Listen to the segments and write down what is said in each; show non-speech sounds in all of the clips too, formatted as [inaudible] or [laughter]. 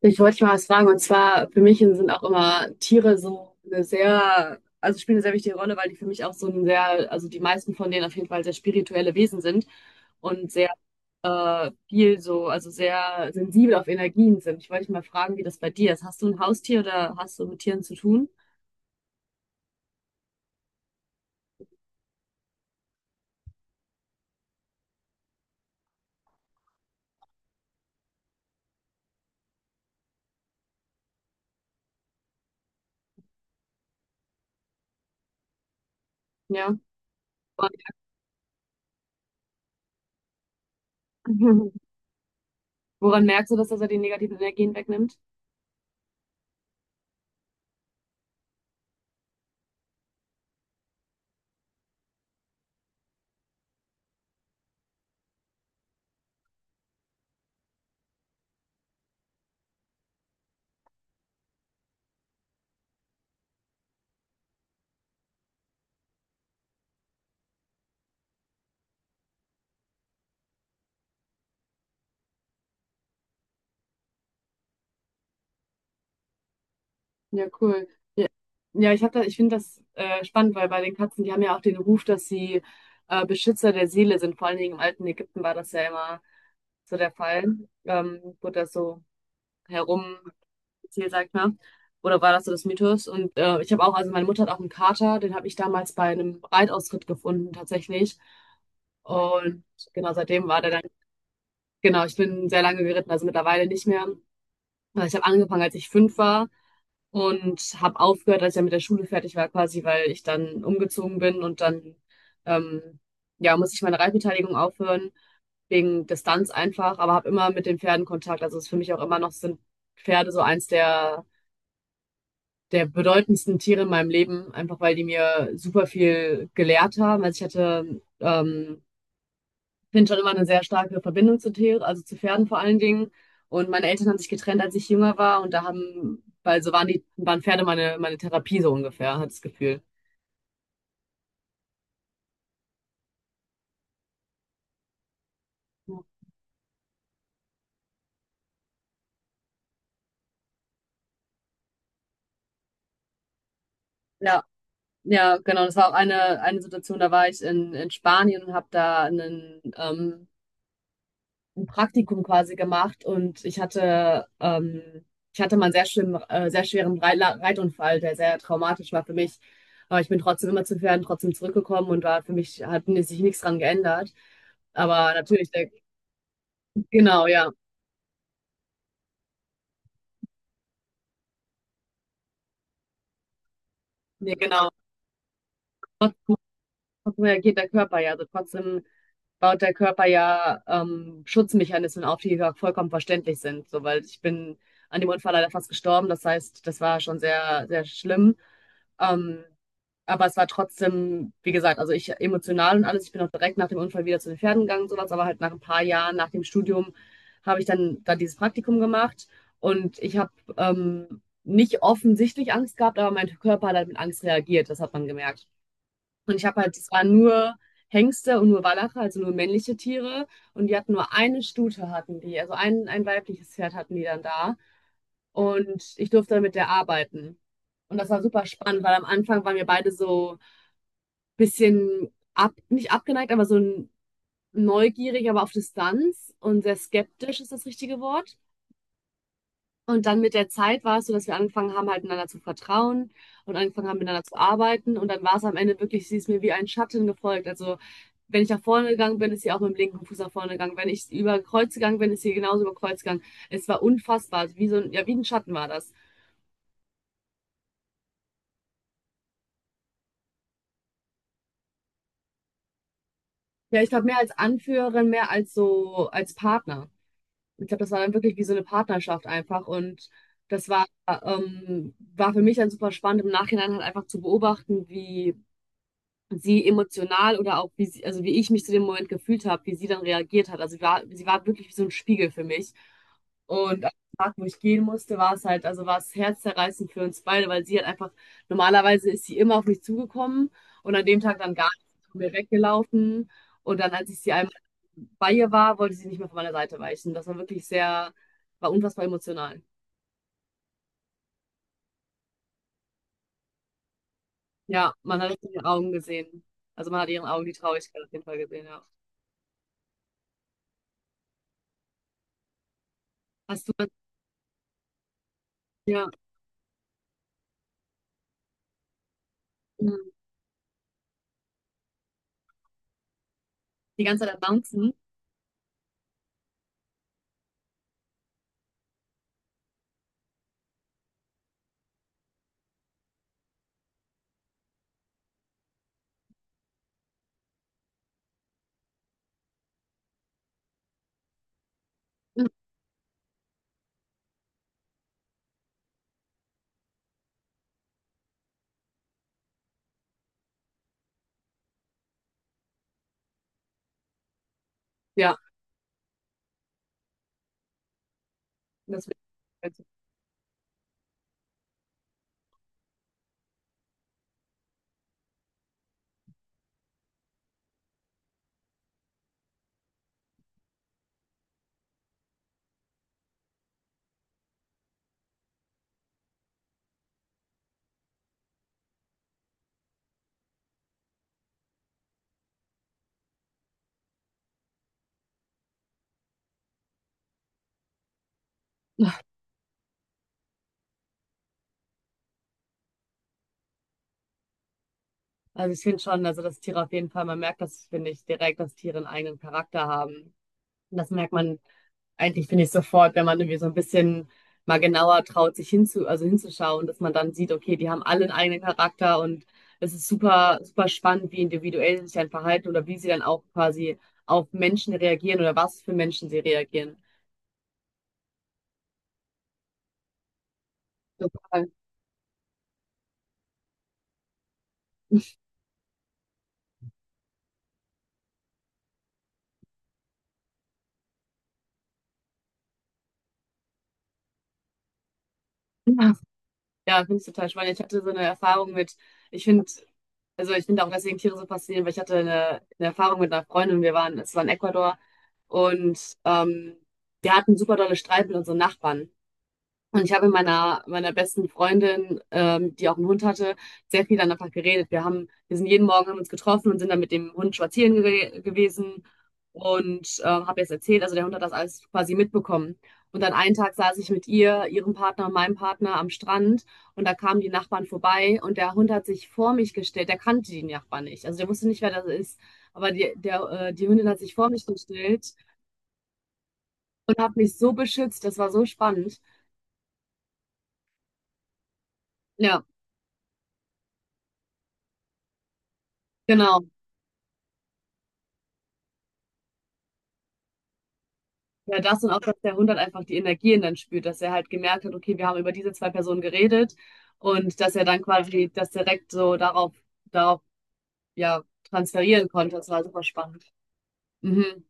Ich wollte dich mal was fragen, und zwar für mich sind auch immer Tiere so eine sehr, also spielen eine sehr wichtige Rolle, weil die für mich auch so ein sehr, also die meisten von denen auf jeden Fall sehr spirituelle Wesen sind und sehr viel so, also sehr sensibel auf Energien sind. Ich wollte dich mal fragen, wie das bei dir ist. Hast du ein Haustier oder hast du mit Tieren zu tun? Ja. Und [laughs] woran merkst du, dass er die negativen Energien wegnimmt? Ja, cool. Ja, ja, ich hab da, ich finde das spannend, weil bei den Katzen, die haben ja auch den Ruf, dass sie Beschützer der Seele sind. Vor allen Dingen im alten Ägypten war das ja immer so der Fall. Wurde das so herum erzählt, sag ich mal. Oder war das so das Mythos? Und ich habe auch, also meine Mutter hat auch einen Kater, den habe ich damals bei einem Reitausritt gefunden, tatsächlich. Und genau, seitdem war der dann, genau, ich bin sehr lange geritten, also mittlerweile nicht mehr. Aber ich habe angefangen, als ich fünf war und habe aufgehört, als ich dann mit der Schule fertig war, quasi, weil ich dann umgezogen bin und dann ähm, ja, musste ich meine Reitbeteiligung aufhören, wegen Distanz einfach, aber habe immer mit den Pferden Kontakt. Also es ist für mich auch immer noch, sind Pferde so eins der, der bedeutendsten Tiere in meinem Leben, einfach weil die mir super viel gelehrt haben. Also ich hatte, finde schon immer eine sehr starke Verbindung zu Tieren, also zu Pferden vor allen Dingen. Und meine Eltern haben sich getrennt, als ich jünger war. Und da haben, weil so waren die, waren Pferde meine, meine Therapie so ungefähr, hat das Gefühl. Ja, ja, genau. Das war auch eine Situation, da war ich in Spanien und habe da einen ein Praktikum quasi gemacht, und ich hatte mal einen sehr schlimmen, sehr schweren Reitunfall, der sehr traumatisch war für mich. Aber ich bin trotzdem immer zu Pferden trotzdem zurückgekommen und war für mich, hat mir sich nichts dran geändert. Aber natürlich, der, genau, ja. Nee, genau. Trotzdem reagiert der Körper ja. Also trotzdem baut der Körper ja Schutzmechanismen auf, die ja vollkommen verständlich sind. So, weil ich bin an dem Unfall leider fast gestorben. Das heißt, das war schon sehr, sehr schlimm. Ähm, aber es war trotzdem, wie gesagt, also ich emotional und alles, ich bin auch direkt nach dem Unfall wieder zu den Pferden gegangen und sowas, aber halt nach ein paar Jahren, nach dem Studium, habe ich dann, dann dieses Praktikum gemacht, und ich habe nicht offensichtlich Angst gehabt, aber mein Körper hat halt mit Angst reagiert, das hat man gemerkt. Und ich habe halt, es waren nur Hengste und nur Wallache, also nur männliche Tiere. Und die hatten nur eine Stute, hatten die. Also ein weibliches Pferd hatten die dann da. Und ich durfte dann mit der arbeiten. Und das war super spannend, weil am Anfang waren wir beide so ein bisschen ab, nicht abgeneigt, aber so neugierig, aber auf Distanz, und sehr skeptisch ist das richtige Wort. Und dann mit der Zeit war es so, dass wir angefangen haben, halt miteinander zu vertrauen und angefangen haben, miteinander zu arbeiten. Und dann war es am Ende wirklich, sie ist mir wie ein Schatten gefolgt. Also, wenn ich nach vorne gegangen bin, ist sie auch mit dem linken Fuß nach vorne gegangen. Wenn ich über Kreuz gegangen bin, ist sie genauso über Kreuz gegangen. Es war unfassbar. Also wie so ein, ja, wie ein Schatten war das. Ja, ich glaube, mehr als Anführerin, mehr als so, als Partner. Ich glaube, das war dann wirklich wie so eine Partnerschaft einfach. Und das war, war für mich dann super spannend, im Nachhinein halt einfach zu beobachten, wie sie emotional oder auch wie sie, also wie ich mich zu dem Moment gefühlt habe, wie sie dann reagiert hat. Also war, sie war wirklich wie so ein Spiegel für mich. Und am Tag, wo ich gehen musste, war es halt, also war es herzzerreißend für uns beide, weil sie halt einfach, normalerweise ist sie immer auf mich zugekommen und an dem Tag dann gar nicht von mir weggelaufen. Und dann, als ich sie einmal bei ihr war, wollte sie nicht mehr von meiner Seite weichen. Das war wirklich sehr, war unfassbar emotional. Ja, man hat es in ihren Augen gesehen. Also man hat ihren Augen die Traurigkeit auf jeden Fall gesehen, ja. Hast du, ja. Hm. Die ganze Zeit am Bouncen. Ja, das find ich- also ich finde schon, also dass Tiere auf jeden Fall, man merkt das, finde ich, direkt, dass Tiere einen eigenen Charakter haben. Und das merkt man eigentlich, finde ich, sofort, wenn man irgendwie so ein bisschen mal genauer traut, sich hinzu, also hinzuschauen, dass man dann sieht, okay, die haben alle einen eigenen Charakter, und es ist super, super spannend, wie individuell sie sich dann verhalten oder wie sie dann auch quasi auf Menschen reagieren oder was für Menschen sie reagieren. Total. Ja, finde ich total spannend. Ich hatte so eine Erfahrung mit, ich finde, also ich finde auch deswegen Tiere so faszinierend, weil ich hatte eine Erfahrung mit einer Freundin, wir waren, es war in Ecuador und ähm, wir hatten super dolle Streit mit unseren Nachbarn. Und ich habe mit meiner, meiner besten Freundin, die auch einen Hund hatte, sehr viel dann einfach geredet. Wir haben, wir sind jeden Morgen, haben uns getroffen und sind dann mit dem Hund spazieren ge gewesen, und habe jetzt erzählt, also der Hund hat das alles quasi mitbekommen. Und dann einen Tag saß ich mit ihr, ihrem Partner und meinem Partner am Strand, und da kamen die Nachbarn vorbei, und der Hund hat sich vor mich gestellt. Der kannte die Nachbarn nicht, also der wusste nicht, wer das ist. Aber die, der, die Hündin hat sich vor mich gestellt und hat mich so beschützt. Das war so spannend. Ja, genau. Ja, das und auch, dass der Hund halt einfach die Energien dann spürt, dass er halt gemerkt hat, okay, wir haben über diese zwei Personen geredet und dass er dann quasi das direkt so darauf, darauf, ja, transferieren konnte. Das war super spannend. Mhm.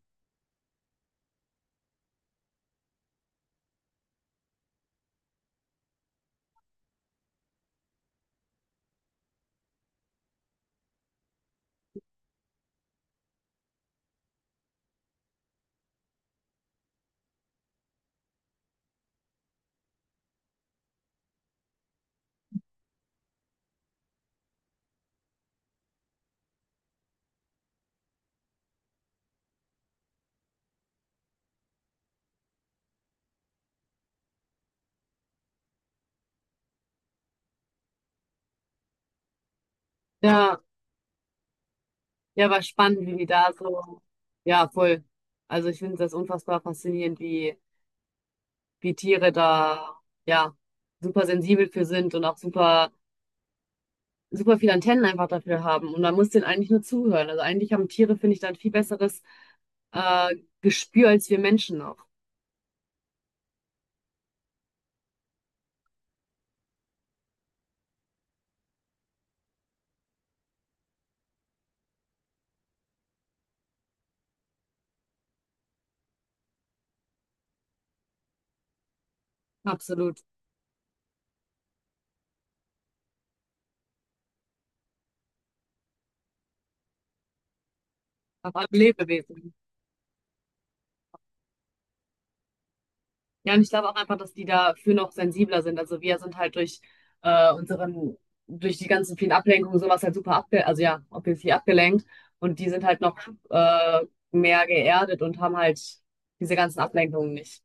Ja, ja, war spannend, wie die da so, ja, voll. Also ich finde das unfassbar faszinierend, wie, wie Tiere da, ja, super sensibel für sind und auch super, super viele Antennen einfach dafür haben. Und man muss denen eigentlich nur zuhören. Also eigentlich haben Tiere, finde ich, dann viel besseres äh, Gespür als wir Menschen noch. Absolut. Vor allem Lebewesen. Ja, und ich glaube auch einfach, dass die dafür noch sensibler sind. Also wir sind halt durch unseren, durch die ganzen vielen Ablenkungen sowas halt super abge, also ja, obviously abgelenkt. Und die sind halt noch äh, mehr geerdet und haben halt diese ganzen Ablenkungen nicht.